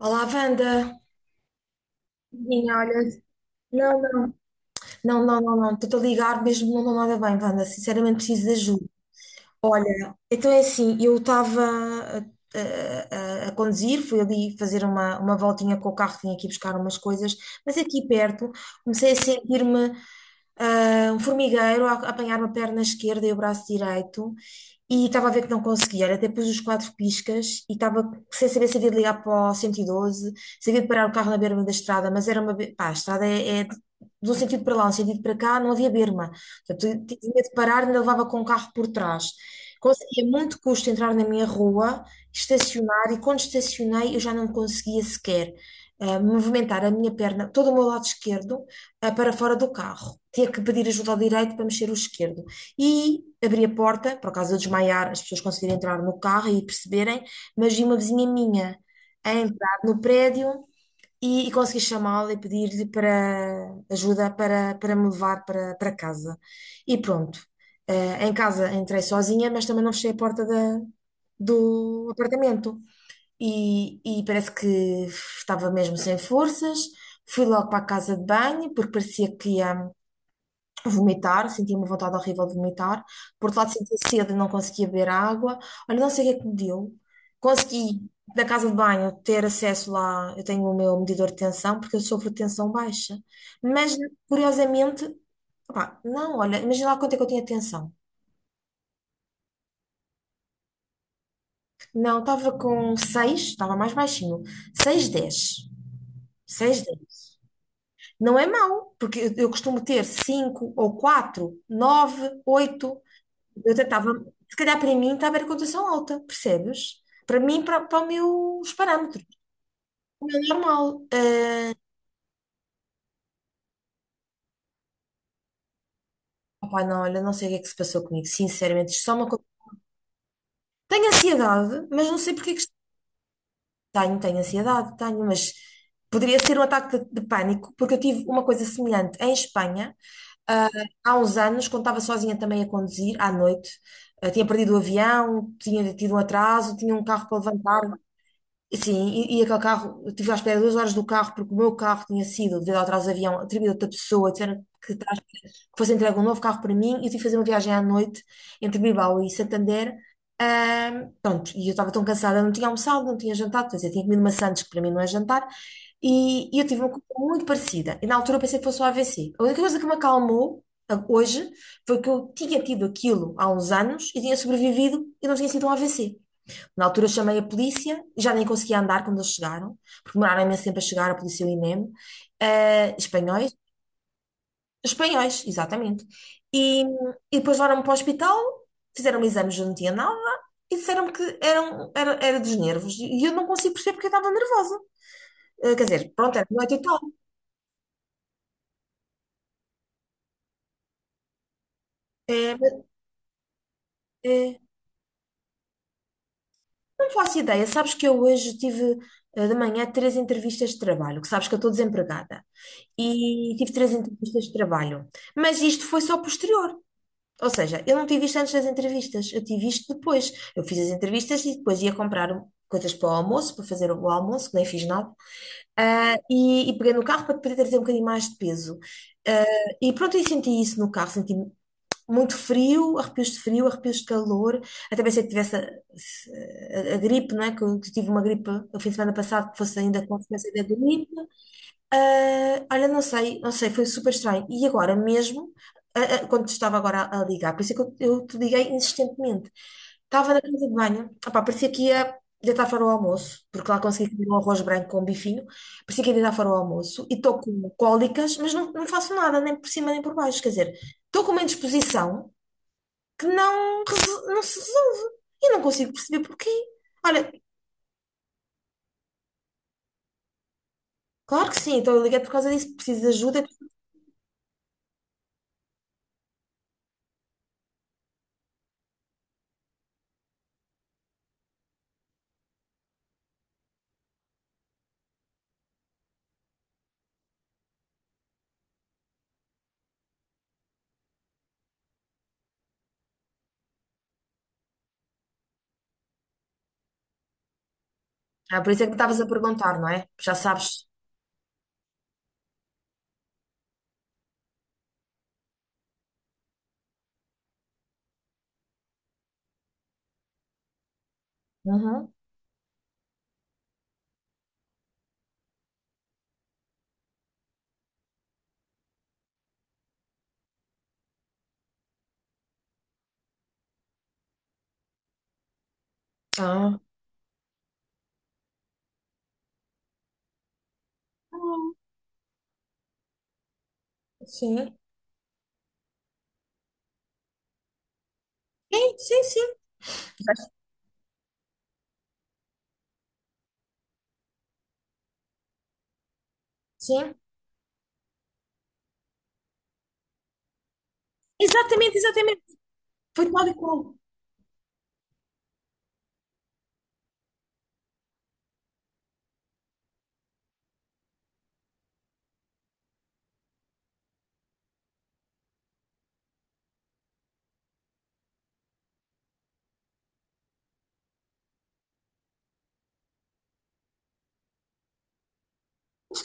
Olá, Wanda. Minha olha. Não, não, não, não, não, não. Estou a ligar mesmo, não estou nada bem, Wanda. Sinceramente, preciso de ajuda. Olha, então é assim, eu estava a conduzir, fui ali fazer uma voltinha com o carro, vim aqui buscar umas coisas, mas aqui perto comecei a sentir-me um formigueiro a apanhar-me a perna esquerda e o braço direito, e estava a ver que não conseguia. Olha, até pus os quatro piscas e estava sem saber se havia de ligar para o 112, se havia de parar o carro na berma da estrada, mas era uma. Pá, a estrada é de um sentido para lá, um sentido para cá, não havia berma. Portanto, tinha medo de parar, ainda levava com o carro por trás. Consegui a muito custo entrar na minha rua, estacionar, e quando estacionei eu já não conseguia sequer movimentar a minha perna, todo o meu lado esquerdo, para fora do carro. Tinha que pedir ajuda ao direito para mexer o esquerdo. E abri a porta, por acaso eu desmaiar, as pessoas conseguirem entrar no carro e perceberem, mas vi uma vizinha minha a entrar no prédio, e consegui chamá-la e pedir-lhe para ajuda para me levar para casa. E pronto, em casa entrei sozinha, mas também não fechei a porta do apartamento. E parece que estava mesmo sem forças. Fui logo para a casa de banho, porque parecia que ia vomitar, sentia uma vontade horrível de vomitar. Por outro lado, sentia sede e não conseguia beber água. Olha, não sei o que é que me deu. Consegui, na casa de banho, ter acesso lá. Eu tenho o meu medidor de tensão, porque eu sofro de tensão baixa. Mas, curiosamente, opá, não, olha, imagina lá quanto é que eu tinha tensão. Não, estava com 6, estava mais baixinho. Seis dez, seis dez. Não é mau, porque eu costumo ter 5 ou 4, 9, 8. Eu tentava, se calhar para mim estava a cotação alta, percebes? Para mim, para o meu, os parâmetros. O meu normal. Opá, não, olha, não sei o que é que se passou comigo, sinceramente. Isto é só uma coisa. Tenho ansiedade, mas não sei porque é que. Tenho ansiedade, tenho, mas poderia ser um ataque de pânico, porque eu tive uma coisa semelhante em Espanha. Ah, há uns anos, quando estava sozinha também a conduzir, à noite, tinha perdido o avião, tinha tido um atraso, tinha um carro para levantar. E sim, e aquele carro, eu estive à espera 2 horas do carro, porque o meu carro tinha sido, devido ao atraso do avião, atribuído a outra pessoa, tiveram que estar. Foi-se entregue um novo carro para mim e eu tive que fazer uma viagem à noite entre Bilbao e Santander. Pronto, e eu estava tão cansada, não tinha almoçado, não tinha jantado, quer dizer, tinha comido maçãs, que para mim não é jantar, e eu tive uma coisa muito parecida. E na altura eu pensei que fosse o AVC. A única coisa que me acalmou hoje foi que eu tinha tido aquilo há uns anos e tinha sobrevivido e não tinha sido um AVC. Na altura eu chamei a polícia, já nem conseguia andar quando eles chegaram, porque demoraram imenso tempo a chegar, a polícia e o INEM, espanhóis, espanhóis, exatamente. E, e depois levaram-me para o hospital, fizeram-me exames, eu não tinha nada, e disseram-me que eram, era dos nervos. E eu não consigo perceber porque eu estava nervosa. Quer dizer, pronto, era noite e tal. Mas, eh, não faço ideia. Sabes que eu hoje tive de manhã três entrevistas de trabalho, que sabes que eu estou desempregada. E tive três entrevistas de trabalho. Mas isto foi só posterior. Ou seja, eu não tive isto antes das entrevistas, eu tive isto depois. Eu fiz as entrevistas e depois ia comprar coisas para o almoço, para fazer o almoço, que nem fiz nada. E peguei no carro para poder trazer um bocadinho mais de peso. Ah, e pronto, eu senti isso no carro, senti muito frio, arrepios de calor. Até pensei que tivesse a gripe, não é? Que eu tive uma gripe no fim de semana passado, que fosse ainda a consequência da gripe. Ah, Olha, não sei, não sei, foi super estranho. E agora mesmo, quando te estava agora a ligar, por isso é que eu te liguei insistentemente. Estava na casa de banho, opá, parecia que ia deitar fora o almoço, porque lá consegui comer um arroz branco com bifinho, parecia que ia deitar fora o almoço e estou com cólicas, mas não, não faço nada, nem por cima nem por baixo. Quer dizer, estou com uma indisposição que não, não se resolve e não consigo perceber porquê. Olha, claro que sim, então eu liguei por causa disso, preciso de ajuda. Ah, por isso é que me estavas a perguntar, não é? Já sabes. Uhum. Ah, Hum. Sim. Sim, sim, sim. Sim. Exatamente, exatamente. Foi tal e qual.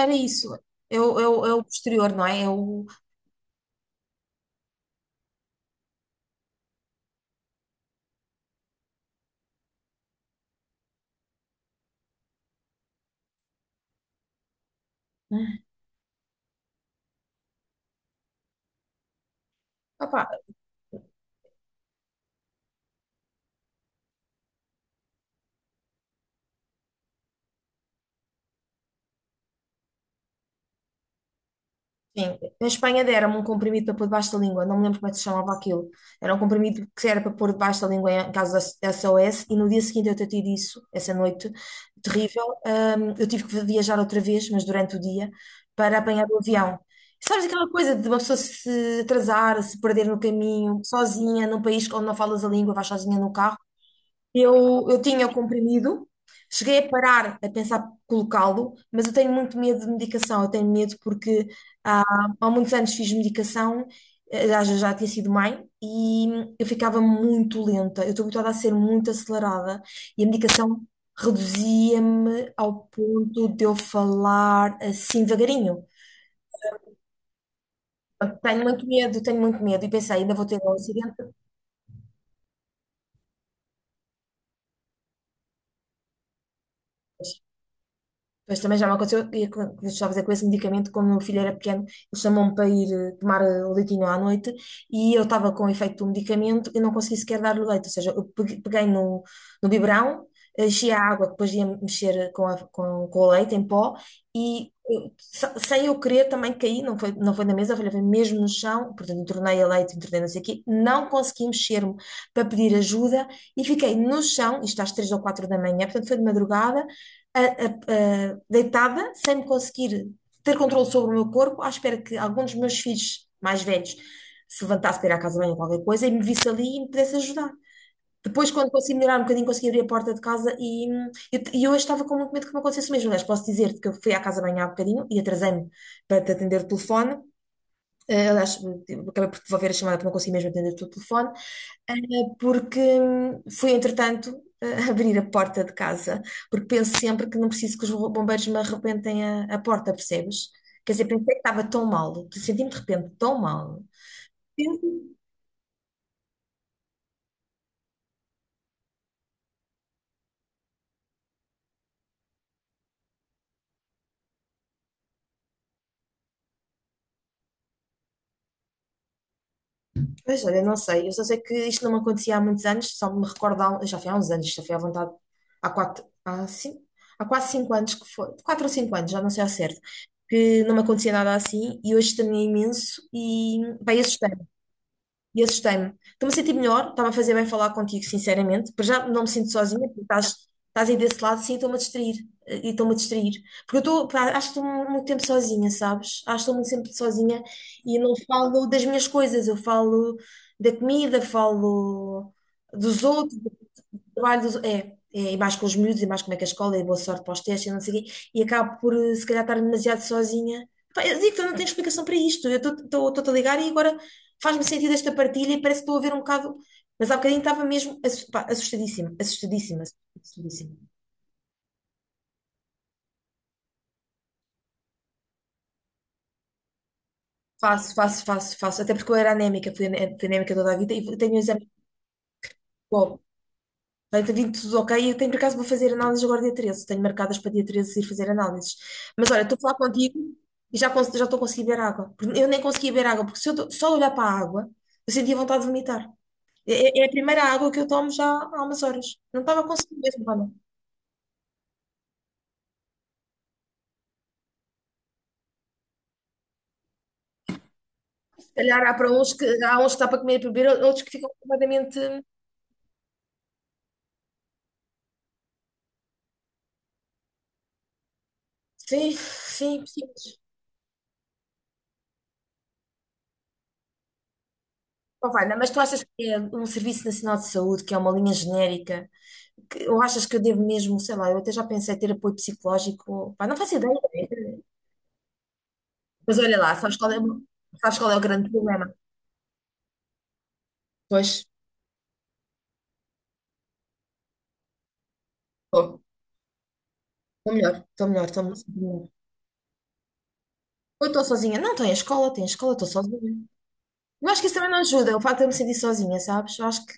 Era isso. Eu posterior, não é? Eu. Sim, na Espanha deram-me um comprimido para pôr debaixo da língua, não me lembro como é que se chamava aquilo. Era um comprimido que era para pôr debaixo da língua em caso da SOS, e no dia seguinte eu tentei isso. Essa noite terrível. Eu tive que viajar outra vez, mas durante o dia, para apanhar o avião. Sabes aquela coisa de uma pessoa se atrasar, se perder no caminho, sozinha, num país onde não falas a língua, vais sozinha no carro? Eu tinha o comprimido, cheguei a parar a pensar colocá-lo, mas eu tenho muito medo de medicação. Eu tenho medo porque há, há muitos anos fiz medicação, já tinha sido mãe, e eu ficava muito lenta. Eu estou habituada a ser muito acelerada e a medicação reduzia-me ao ponto de eu falar assim devagarinho. Tenho muito medo, tenho muito medo. E pensei, ainda vou ter um acidente. Pois também já me aconteceu, e estava a dizer com esse medicamento, quando o meu filho era pequeno, ele chamou-me para ir tomar o leitinho à noite, e eu estava com o efeito do medicamento e não consegui sequer dar-lhe o leite. Ou seja, eu peguei no, biberão, enchi a água que depois ia mexer com o leite em pó, e eu, sem eu querer também caí, não foi na mesa, foi mesmo no chão, portanto, entornei a leite, entornei não sei o quê, não consegui mexer-me para pedir ajuda e fiquei no chão, isto às 3 ou 4 da manhã, portanto foi de madrugada, a- a- deitada, sem me conseguir ter controle sobre o meu corpo, à espera que algum dos meus filhos mais velhos se levantasse para ir à casa de banho ou qualquer coisa e me visse ali e me pudesse ajudar. Depois, quando consegui melhorar um bocadinho, consegui abrir a porta de casa e hoje estava com muito medo que me acontecesse o mesmo. Aliás, posso dizer-te que eu fui à casa de banho há bocadinho e atrasei-me para te atender o telefone. Aliás, acabei por devolver a chamada porque não consegui mesmo atender o teu telefone, eh, porque fui, entretanto, abrir a porta de casa, porque penso sempre que não preciso que os bombeiros me arrebentem a porta, percebes? Quer dizer, pensei que estava tão mal, senti-me de repente tão mal. Pois, olha, não sei. Eu só sei que isto não me acontecia há muitos anos, só me recordo, já foi há uns anos, já foi à vontade, há quatro, há cinco, há quase 5 anos que foi, 4 ou 5 anos, já não sei ao certo, que não me acontecia nada assim e hoje também imenso e vai assustar. E assustei-me. Estou-me a sentir melhor, estava a fazer bem falar contigo, sinceramente. Para já não me sinto sozinha, porque estás aí desse lado, sim, estou-me a distrair. E estou-me a distrair. Porque eu estou, pá, acho que estou muito tempo sozinha, sabes? Acho que estou muito sempre sozinha e não falo das minhas coisas. Eu falo da comida, falo dos outros, trabalho dos, é, e mais com os miúdos, e mais como é que a escola, e boa sorte para os testes, e não sei o quê, e acabo por, se calhar, estar demasiado sozinha. Pá, eu digo que eu não tenho explicação para isto, eu estou-te a ligar e agora faz-me sentido esta partilha e parece que estou a ver um bocado, mas há bocadinho estava mesmo pá, assustadíssima, assustadíssima, assustadíssima. Faço, até porque eu era anémica, fui anémica toda a vida e tenho um exame. Vai ter vindo tudo ok. Eu tenho, por acaso, vou fazer análises agora dia 13. Tenho marcadas para dia 13 ir fazer análises. Mas olha, estou a falar contigo e já, já estou a conseguir beber água. Porque eu nem conseguia beber água, porque se eu do- só de olhar para a água, eu sentia vontade de vomitar. É a primeira água que eu tomo já há umas horas. Não estava a conseguir mesmo, Vana. Se calhar há para uns que há uns que dá para comer e beber, outros que ficam completamente. Sim, sim, sim. Bom, Vana, mas tu achas que é um Serviço Nacional de Saúde, que é uma linha genérica? Ou achas que eu devo mesmo, sei lá, eu até já pensei em ter apoio psicológico, pá, não faço ideia, né? Mas olha lá, sabes qual é o grande problema? Pois, estou melhor, estou melhor, estou melhor. Ou estou sozinha, não, estou em escola, estou em escola, estou sozinha. Eu acho que isso também não ajuda, o facto de eu me sentir sozinha, sabes?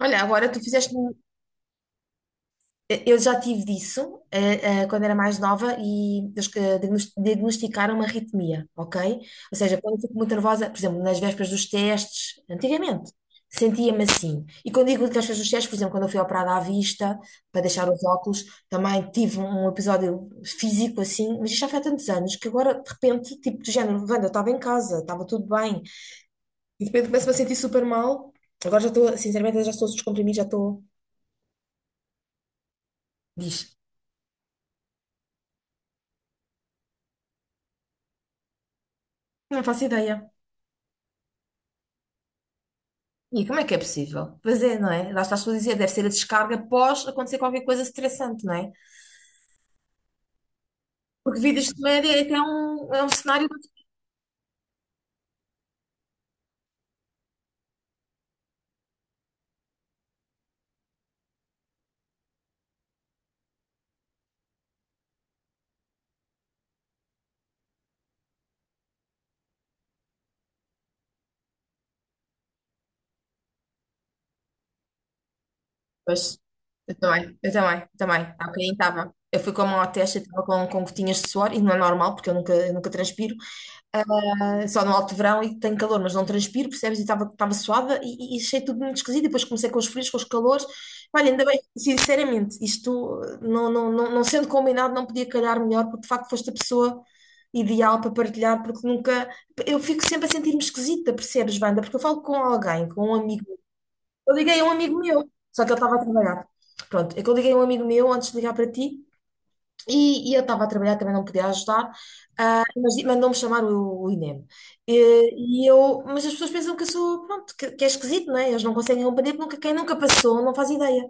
Olha, agora tu fizeste. Eu já tive disso, quando era mais nova e eles diagnosticaram uma arritmia, ok? Ou seja, quando eu fico muito nervosa, por exemplo, nas vésperas dos testes, antigamente, sentia-me assim. E quando digo nas vésperas dos testes, por exemplo, quando eu fui operada à vista, para deixar os óculos, também tive um episódio físico assim, mas isto já foi há tantos anos que agora, de repente, tipo, do género, Wanda, eu estava em casa, estava tudo bem, e de repente começo-me a sentir super mal. Agora já estou, sinceramente, já estou a descomprimir, já estou. Diz. Não faço ideia. E como é que é possível? Pois é, não é? Lá estás tu a dizer, deve ser a descarga após acontecer qualquer coisa estressante, não é? Porque vidas de média é que é um cenário. Pois, eu também, eu também, eu também. Há bocadinho estava. Eu fui com a mão à testa, estava com gotinhas de suor, e não é normal, porque eu nunca transpiro. Só no alto verão e tenho calor, mas não transpiro, percebes? E estava suada e achei tudo muito esquisito. E depois comecei com os frios, com os calores. Olha, ainda bem, sinceramente, isto não, não, não, não sendo combinado, não podia calhar melhor, porque de facto foste a pessoa ideal para partilhar, porque nunca. Eu fico sempre a sentir-me esquisita, percebes, banda? Porque eu falo com alguém, com um amigo. Eu liguei a um amigo meu, só que ele estava a trabalhar. Pronto, é que eu liguei a um amigo meu antes de ligar para ti. E eu estava a trabalhar, também não podia ajudar, ah, mandou-me chamar o INEM. E eu, mas as pessoas pensam que eu sou, pronto, que é esquisito, não é? Eles não conseguem compreender porque quem nunca passou não faz ideia.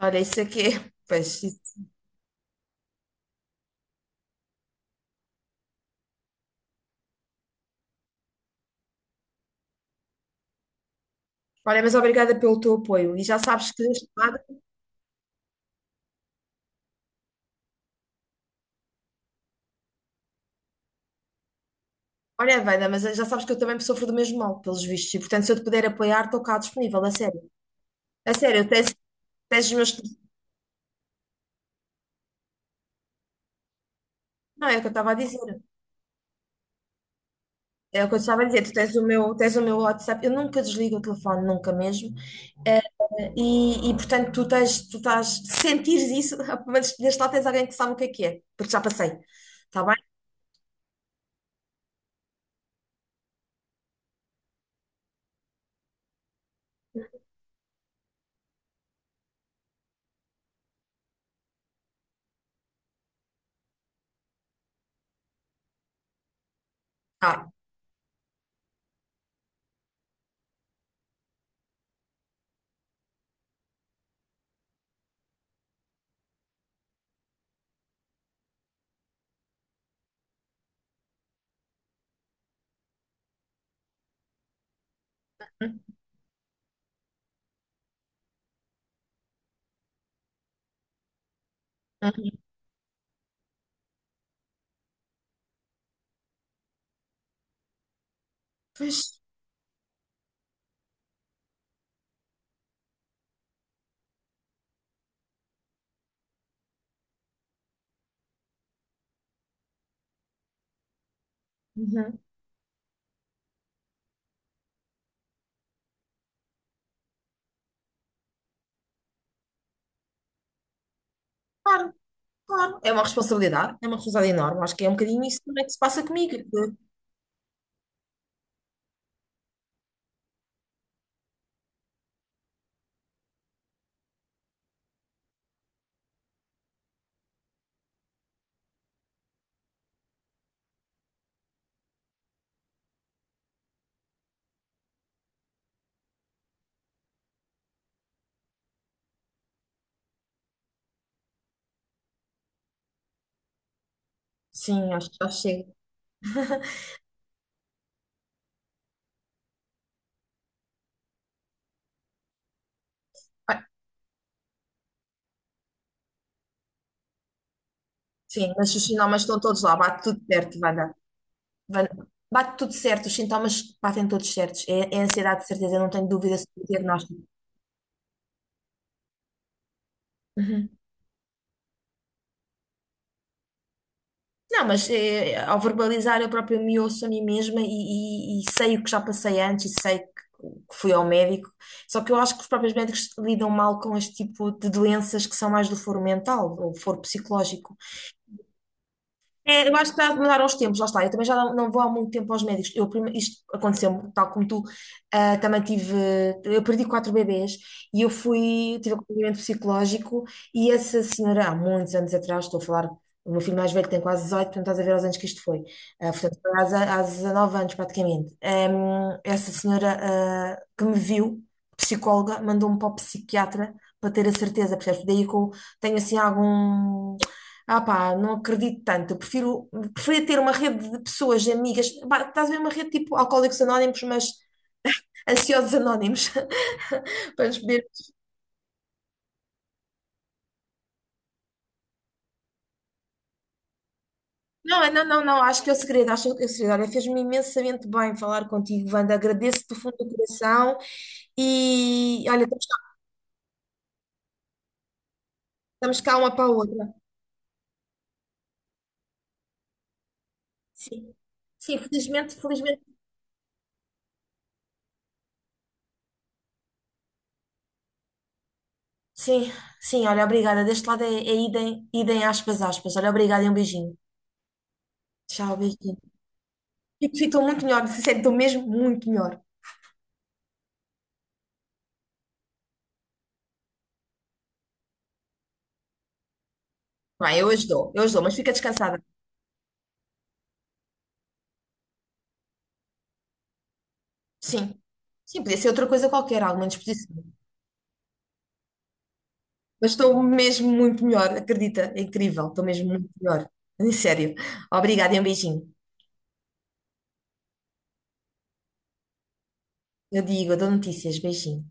Olha, isso aqui é. Pois, isso. Olha, mas obrigada pelo teu apoio. E já sabes que. Olha, Wanda, mas já sabes que eu também sofro do mesmo mal, pelos vistos. E portanto, se eu te puder apoiar, estou cá disponível, a sério. A sério, tens os meus. Não, é o que eu estava a dizer. É o que eu estava a dizer. Tu tens o meu WhatsApp. Eu nunca desligo o telefone, nunca mesmo. Eh, e, portanto, tu tens, tu estás, sentires isso, mas desde lá tens alguém que sabe o que é, porque já passei. Está bem? Tá. Uhum. Pois, uhum. Claro, claro. É uma responsabilidade enorme. Acho que é um bocadinho isso também que se passa comigo. Sim, acho que já chega. Ah, Sim, mas os sintomas estão todos lá, bate tudo certo, vai dar. Bate tudo certo, os sintomas batem todos certos. É, é ansiedade, de certeza, eu não tenho dúvida sobre o diagnóstico. Não, mas ao verbalizar eu própria me ouço a mim mesma e sei o que já passei antes e sei que fui ao médico. Só que eu acho que os próprios médicos lidam mal com este tipo de doenças que são mais do foro mental ou foro psicológico. É, eu acho que está a mudar aos tempos, lá está. Eu também já não, não vou há muito tempo aos médicos. Eu, isto aconteceu-me, tal como tu, ah, também tive. Eu perdi 4 bebês e eu fui, tive acompanhamento psicológico. E essa senhora, há muitos anos atrás, estou a falar, o meu filho mais velho tem quase 18, portanto estás a ver aos anos que isto foi. Ah, portanto, foi às, há 19 anos praticamente. Essa senhora, ah, que me viu, psicóloga, mandou-me para o psiquiatra para ter a certeza, percebes? Daí que eu tenho assim algum. Ah pá, não acredito tanto. Eu prefiro, preferia ter uma rede de pessoas, de amigas. Pá, estás a ver uma rede tipo Alcoólicos Anónimos, mas ansiosos anónimos. Para nos poder... Não, é, não, não, não. Acho que é o segredo. Acho que é o segredo. Olha, fez-me imensamente bem falar contigo, Wanda. Agradeço-te do fundo do coração. E olha, estamos cá uma para a outra. Sim, sim, felizmente, felizmente. Sim, sim, olha, obrigada. Deste lado é, é idem, idem aspas, aspas. Olha, obrigada e um beijinho. Tchau, beijinho. Tipo, ficam muito melhor, se sentem mesmo muito melhor. Não é? Eu as dou, mas fica descansada. Sim. Sim, podia ser outra coisa qualquer, alguma disposição. Mas estou mesmo muito melhor, acredita? É incrível, estou mesmo muito melhor. Em sério. Obrigada e um beijinho. Eu digo, eu dou notícias, beijinho.